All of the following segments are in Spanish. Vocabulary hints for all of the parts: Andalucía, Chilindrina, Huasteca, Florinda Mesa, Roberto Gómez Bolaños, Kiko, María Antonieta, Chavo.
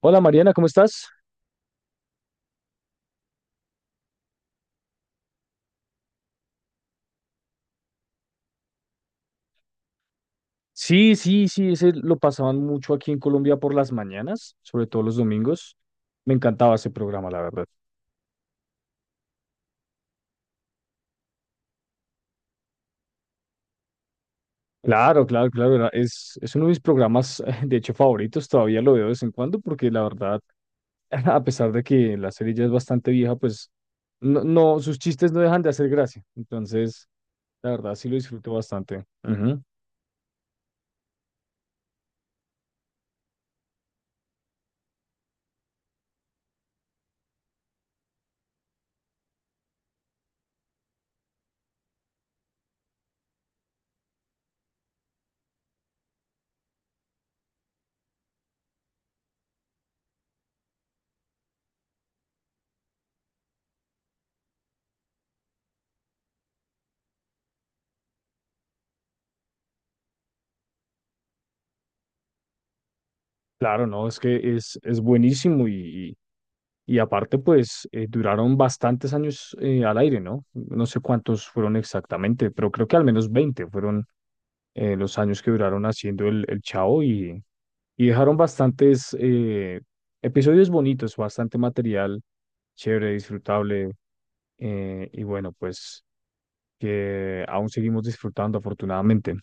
Hola Mariana, ¿cómo estás? Sí, sí, sí, ese lo pasaban mucho aquí en Colombia por las mañanas, sobre todo los domingos. Me encantaba ese programa, la verdad. Claro, claro, claro, es uno de mis programas, de hecho, favoritos, todavía lo veo de vez en cuando, porque la verdad, a pesar de que la serie ya es bastante vieja, pues no, no, sus chistes no dejan de hacer gracia. Entonces, la verdad, sí lo disfruto bastante. Ujú. Claro, no, es que es buenísimo y aparte, pues duraron bastantes años al aire, ¿no? No sé cuántos fueron exactamente, pero creo que al menos 20 fueron los años que duraron haciendo el Chavo y dejaron bastantes episodios bonitos, bastante material, chévere, disfrutable y bueno, pues que aún seguimos disfrutando afortunadamente.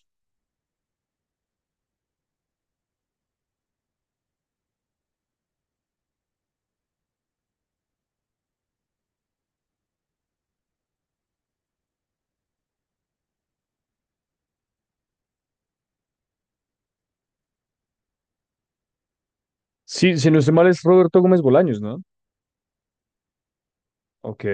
Sí, si no estoy mal es Roberto Gómez Bolaños, ¿no? Ok.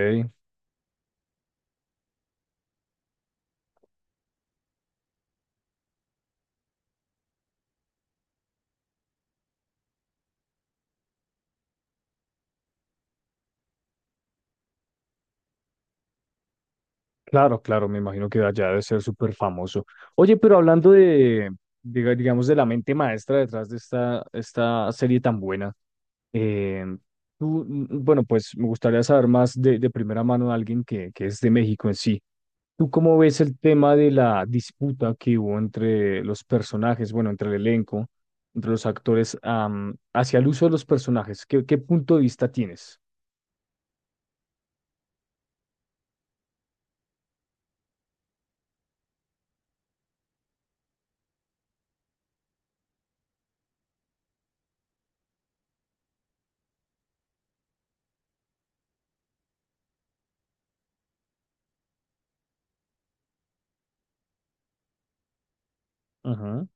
Claro, claro, me imagino que allá debe ser súper famoso. Oye, pero hablando de, digamos, de la mente maestra detrás de esta serie tan buena, eh, tú, bueno, pues me gustaría saber más de primera mano de alguien que es de México en sí. ¿Tú cómo ves el tema de la disputa que hubo entre los personajes, bueno, entre el elenco, entre los actores, hacia el uso de los personajes? ¿Qué, qué punto de vista tienes? Ajá.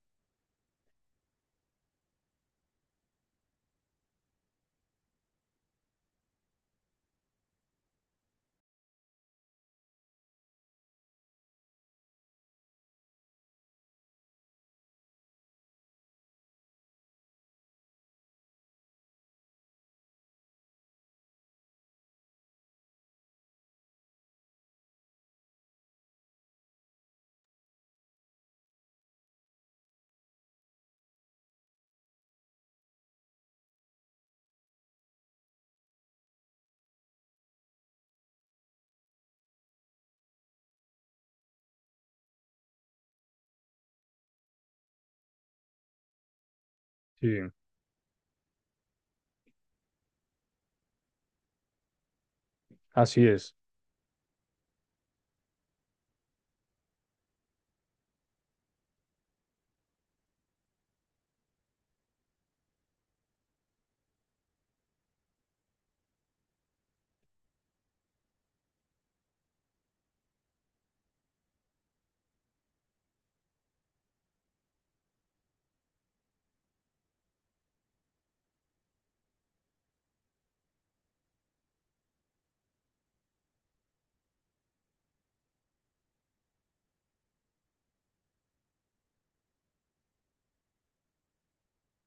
Sí, así es.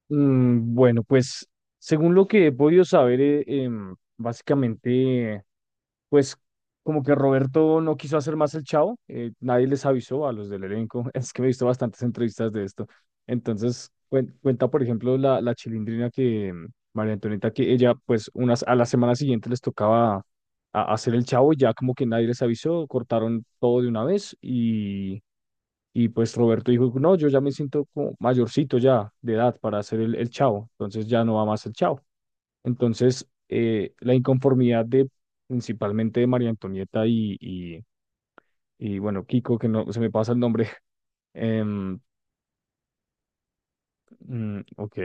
Bueno, pues según lo que he podido saber, básicamente, pues como que Roberto no quiso hacer más el Chavo, nadie les avisó a los del elenco. Es que me he visto bastantes entrevistas de esto. Entonces, cuenta, por ejemplo, la Chilindrina que María Antonieta, que ella, pues unas, a la semana siguiente les tocaba hacer el Chavo, y ya como que nadie les avisó, cortaron todo de una vez y pues Roberto dijo, no, yo ya me siento como mayorcito ya de edad para hacer el chavo, entonces ya no va más el chavo. Entonces, la inconformidad de principalmente de María Antonieta y, bueno, Kiko, que no se me pasa el nombre. em, ok,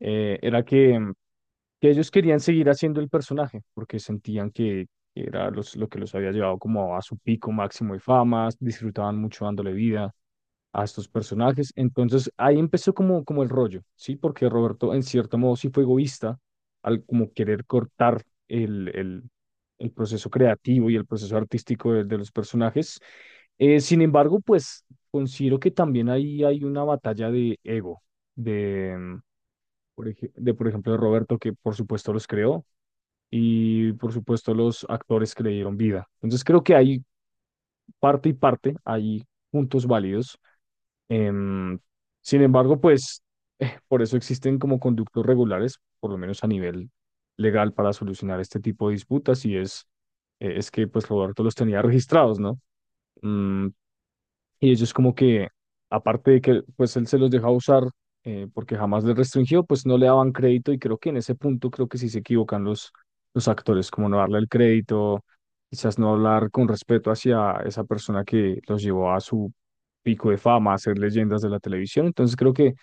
era que, que ellos querían seguir haciendo el personaje porque sentían que era los, lo que los había llevado como a su pico máximo de fama, disfrutaban mucho dándole vida a estos personajes. Entonces ahí empezó como, como el rollo, ¿sí? Porque Roberto en cierto modo sí fue egoísta al como querer cortar el proceso creativo y el proceso artístico de los personajes. Sin embargo, pues considero que también ahí hay una batalla de ego, de, de por ejemplo de Roberto, que por supuesto los creó. Y por supuesto los actores que le dieron vida. Entonces creo que hay parte y parte, hay puntos válidos. Em, Sin embargo, pues por eso existen como conductos regulares, por lo menos a nivel legal, para solucionar este tipo de disputas y es que pues Roberto los tenía registrados, ¿no? Mm, y ellos como que, aparte de que pues él se los deja usar porque jamás les restringió, pues no le daban crédito y creo que en ese punto creo que sí se equivocan los actores, como no darle el crédito, quizás no hablar con respeto hacia esa persona que los llevó a su pico de fama, a ser leyendas de la televisión. Entonces creo que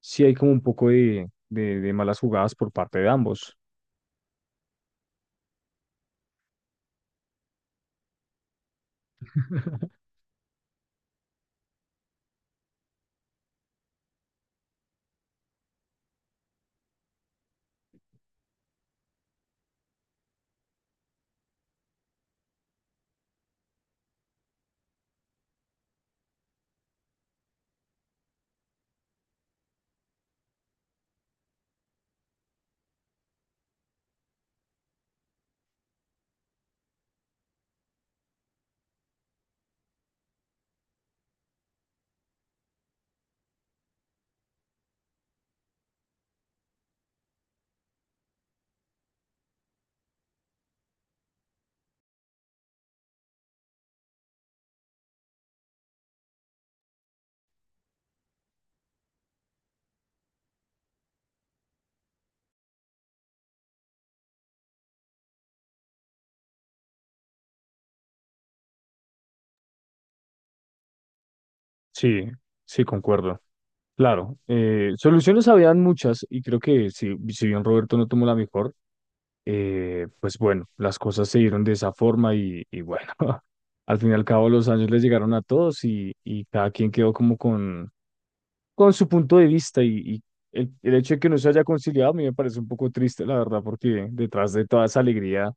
sí hay como un poco de malas jugadas por parte de ambos. Sí, sí, concuerdo. Claro, soluciones habían muchas y creo que si, si bien Roberto no tomó la mejor, pues bueno, las cosas se dieron de esa forma y bueno, al fin y al cabo los años les llegaron a todos y cada quien quedó como con su punto de vista y el hecho de que no se haya conciliado a mí me parece un poco triste, la verdad, porque detrás de toda esa alegría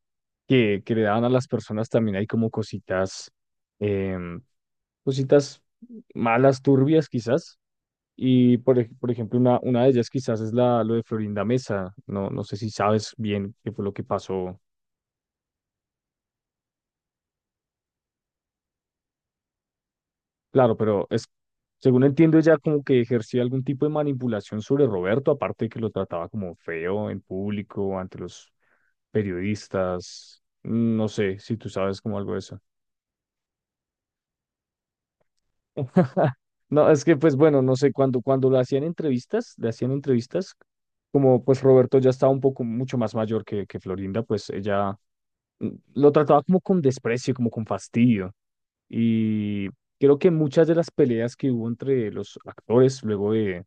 que le daban a las personas también hay como cositas, em, cositas malas, turbias quizás y por, por ejemplo, una de ellas quizás es la, lo de Florinda Mesa. No, no sé si sabes bien qué fue lo que pasó. Claro, pero es, según entiendo, ella como que ejercía algún tipo de manipulación sobre Roberto, aparte de que lo trataba como feo en público, ante los periodistas. No sé si tú sabes como algo de eso. No, es que pues bueno, no sé, cuando, cuando lo hacían entrevistas, le hacían entrevistas, como pues Roberto ya estaba un poco mucho más mayor que Florinda, pues ella lo trataba como con desprecio, como con fastidio. Y creo que muchas de las peleas que hubo entre los actores luego de,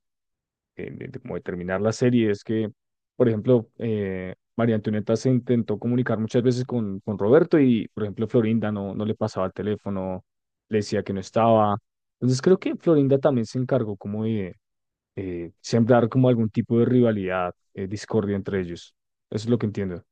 de como de terminar la serie es que, por ejemplo, María Antonieta se intentó comunicar muchas veces con Roberto y, por ejemplo, Florinda no, no le pasaba el teléfono, le decía que no estaba. Entonces creo que Florinda también se encargó como de sembrar como algún tipo de rivalidad, discordia entre ellos. Eso es lo que entiendo.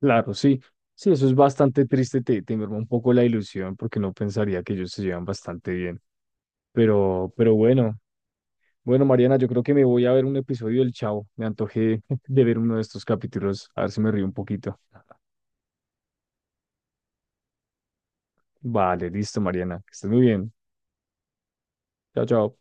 Claro, sí. Sí, eso es bastante triste, te merma un poco la ilusión porque no pensaría que ellos se llevan bastante bien. Pero bueno, bueno, Mariana, yo creo que me voy a ver un episodio del Chavo. Me antojé de ver uno de estos capítulos, a ver si me río un poquito. Vale, listo, Mariana, que estés muy bien. Chao, chao.